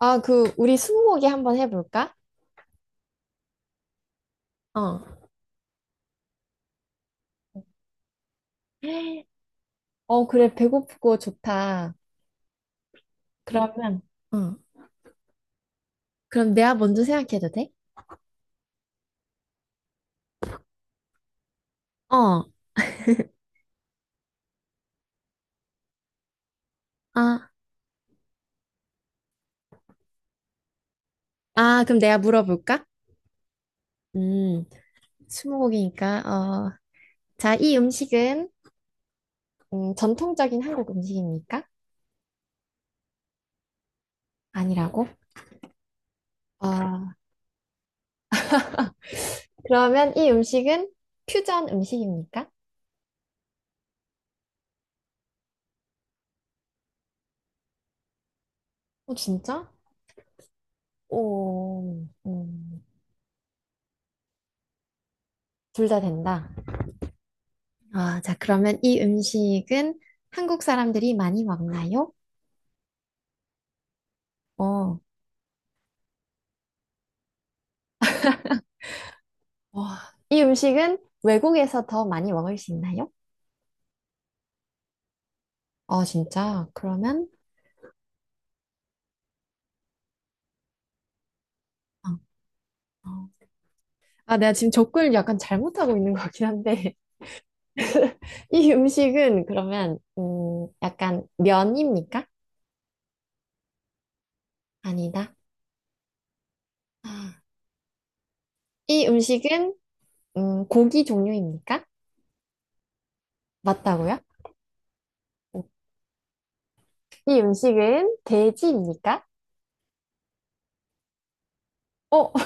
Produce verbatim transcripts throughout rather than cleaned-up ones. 아, 그, 우리 스무고개 한번 해볼까? 어, 어, 그래, 배고프고 좋다. 그러면, 어. 그럼 내가 먼저 생각해도 돼? 어, 아, 아, 그럼 내가 물어볼까? 음, 스무고개니까, 어, 자, 이 음식은, 음, 전통적인 한국 음식입니까? 아니라고? 아, 그러면 이 음식은 퓨전 음식입니까? 어, 진짜? 오, 음, 둘 다 된다. 아, 자, 그러면 이 음식은 한국 사람들이 많이 먹나요? 어, 와, 이 음식은 외국에서 더 많이 먹을 수 있나요? 아, 진짜? 그러면, 어, 어. 아, 내가 지금 접근을 약간 잘못하고 있는 거긴 한데, 이 음식은 그러면, 음, 약간 면입니까? 아니다. 아, 이 음식은, 음, 고기 종류입니까? 맞다고요? 이 음식은 돼지입니까? 어,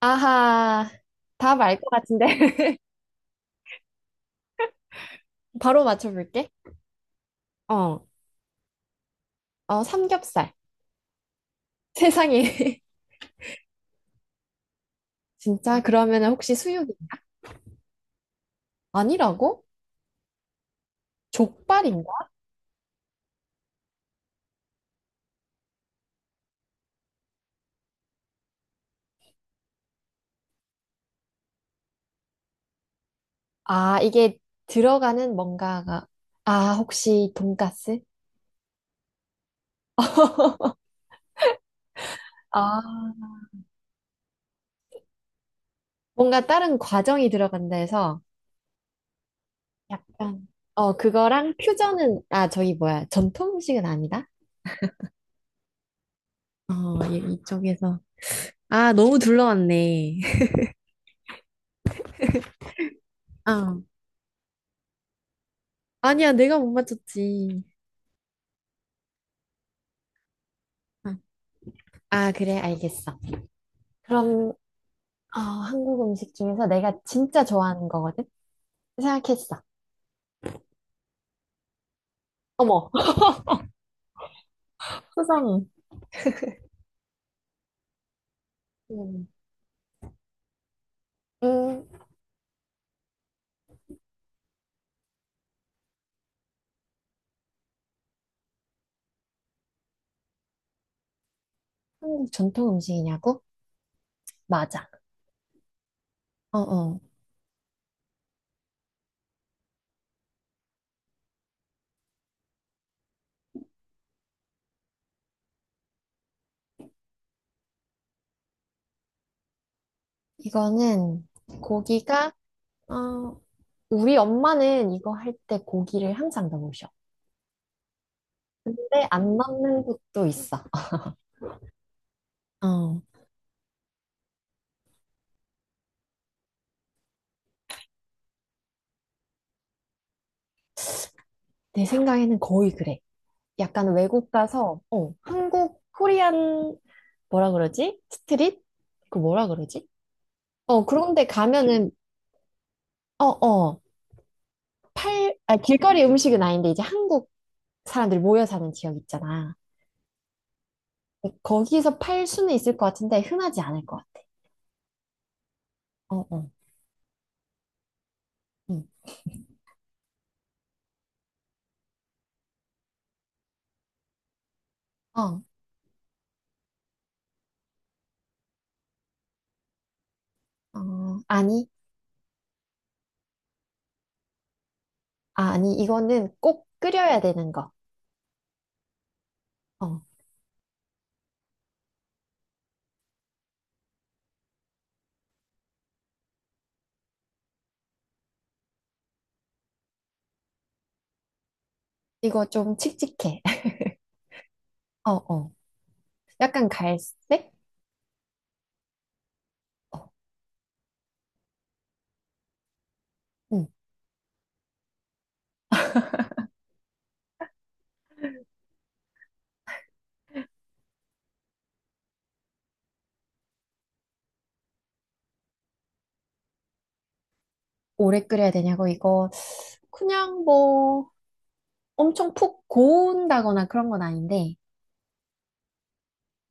아하, 답알것 같은데. 바로 맞춰볼게. 어, 어, 삼겹살. 세상에. 진짜? 그러면 혹시 수육이 아니라고? 족발인가? 아, 이게 들어가는 뭔가가. 아, 혹시 돈가스? 아, 뭔가 다른 과정이 들어간다 해서 약간, 어, 그거랑 퓨전은, 아, 저기 뭐야. 전통 음식은 아니다? 어, 이- 이쪽에서. 아, 너무 둘러왔네. 아, 아니야, 내가 못 맞췄지. 아, 아, 그래, 알겠어. 그럼 어, 한국 음식 중에서 내가 진짜 좋아하는 거거든? 생각했어. 어머, 세상에. 음, 음, 한국 전통 음식이냐고? 맞아. 어, 어. 이거는 고기가, 어, 우리 엄마는 이거 할 때 고기를 항상 넣으셔. 근데 안 넣는 곳도 있어. 어, 내 생각에는 거의 그래. 약간 외국 가서, 어, 한국, 코리안, 뭐라 그러지? 스트릿? 그 뭐라 그러지? 어, 그런데 가면은, 어, 어. 팔, 아, 길거리 음식은 아닌데 이제 한국 사람들이 모여 사는 지역 있잖아. 거기서 팔 수는 있을 것 같은데 흔하지 않을 것 같아. 어, 어, 응. 어, 어, 아니, 아, 아니, 이거는 꼭 끓여야 되는 거. 어, 이거 좀 칙칙해. 어, 어, 약간 갈색? 어, 응. 오래 끓여야 되냐고 이거 그냥 뭐 엄청 푹 고운다거나 그런 건 아닌데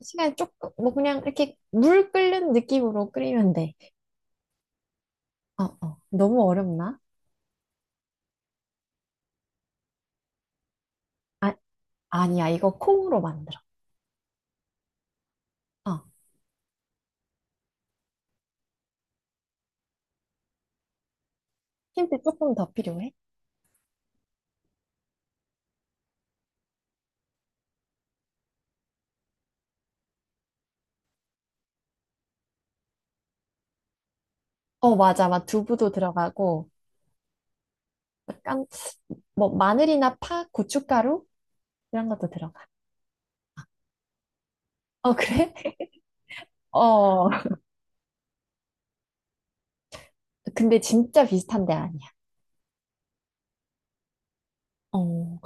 시간이 조금 뭐 그냥 이렇게 물 끓는 느낌으로 끓이면 돼. 어, 어, 너무 어렵나? 아, 아니야, 이거 콩으로 만들어. 어, 힌트 조금 더 필요해? 어, 맞아, 막 두부도 들어가고, 약간, 뭐, 마늘이나 파, 고춧가루? 이런 것도 들어가. 어, 그래? 어, 근데 진짜 비슷한 데 아니야. 어,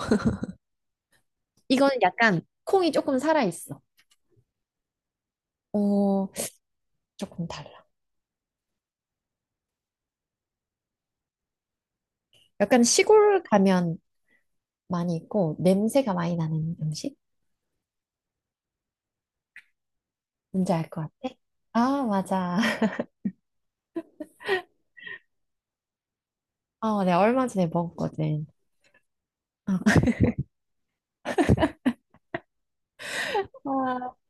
이거는 약간 콩이 조금 살아있어. 어, 조금 달라. 약간 시골 가면 많이 있고, 냄새가 많이 나는 음식? 뭔지 알 것 같아? 아, 맞아. 어, 내가 얼마 전에 먹었거든. 어,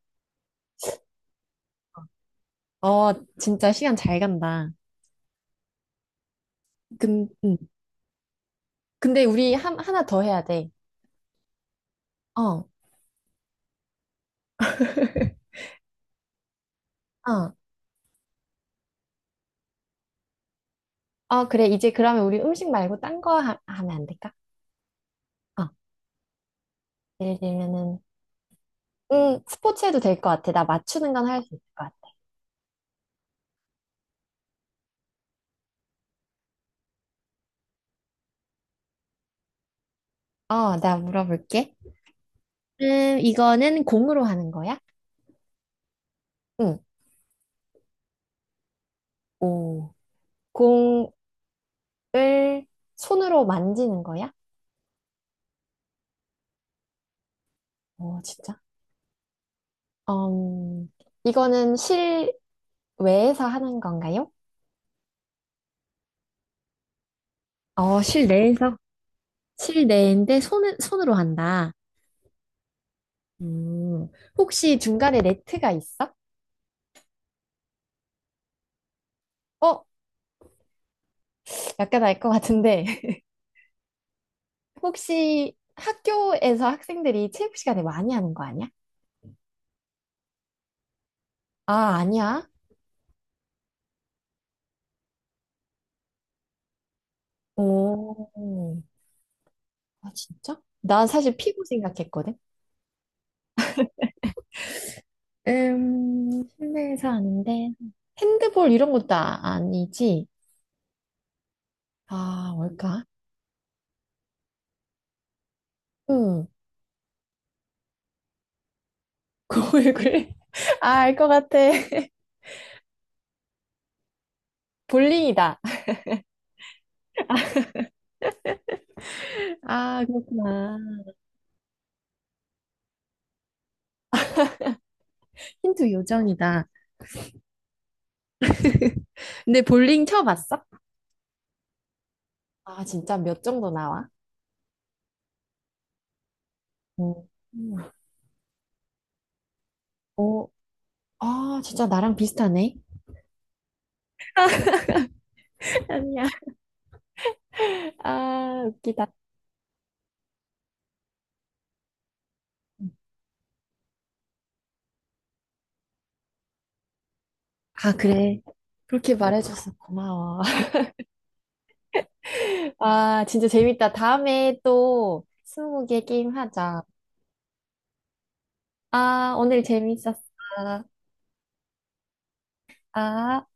어, 진짜 시간 잘 간다. 근, 음. 근데 우리 한, 하나 더 해야 돼. 어, 어. 어, 그래. 이제 그러면 우리 음식 말고 딴 거 하면 안 될까? 어. 예를 들면은, 음, 스포츠 해도 될 것 같아. 나 맞추는 건 할 수 있을 것 같아. 어, 나 물어볼게. 음, 이거는 공으로 하는 거야? 응. 오. 공을 손으로 만지는 거야? 어, 진짜? 음, 이거는 실외에서 하는 건가요? 어, 실내에서? 실내인데 손은, 손으로 한다. 음, 혹시 중간에 레트가 있어? 어, 약간 알 것 같은데. 혹시 학교에서 학생들이 체육 시간에 많이 하는 거 아니야? 아, 아니야? 오, 아, 진짜? 난 사실 피구 생각했거든. 음, 실내에서 하는데. 핸드볼 이런 것도 아- 아니지? 아, 뭘까? 응, 그 왜 그래? 아, 알 것 같아. 볼링이다. 아, 그렇구나. 힌트 요정이다. 근데 볼링 쳐봤어? 아, 진짜 몇 정도 나와? 음. 음. 어, 아, 진짜 나랑 비슷하네. 아니야. 아, 웃기다. 아, 그래. 그렇게 말해줘서 고마워. 아, 진짜 재밌다. 다음에 또 스무고개 게임 하자. 아, 오늘 재밌었어. 아.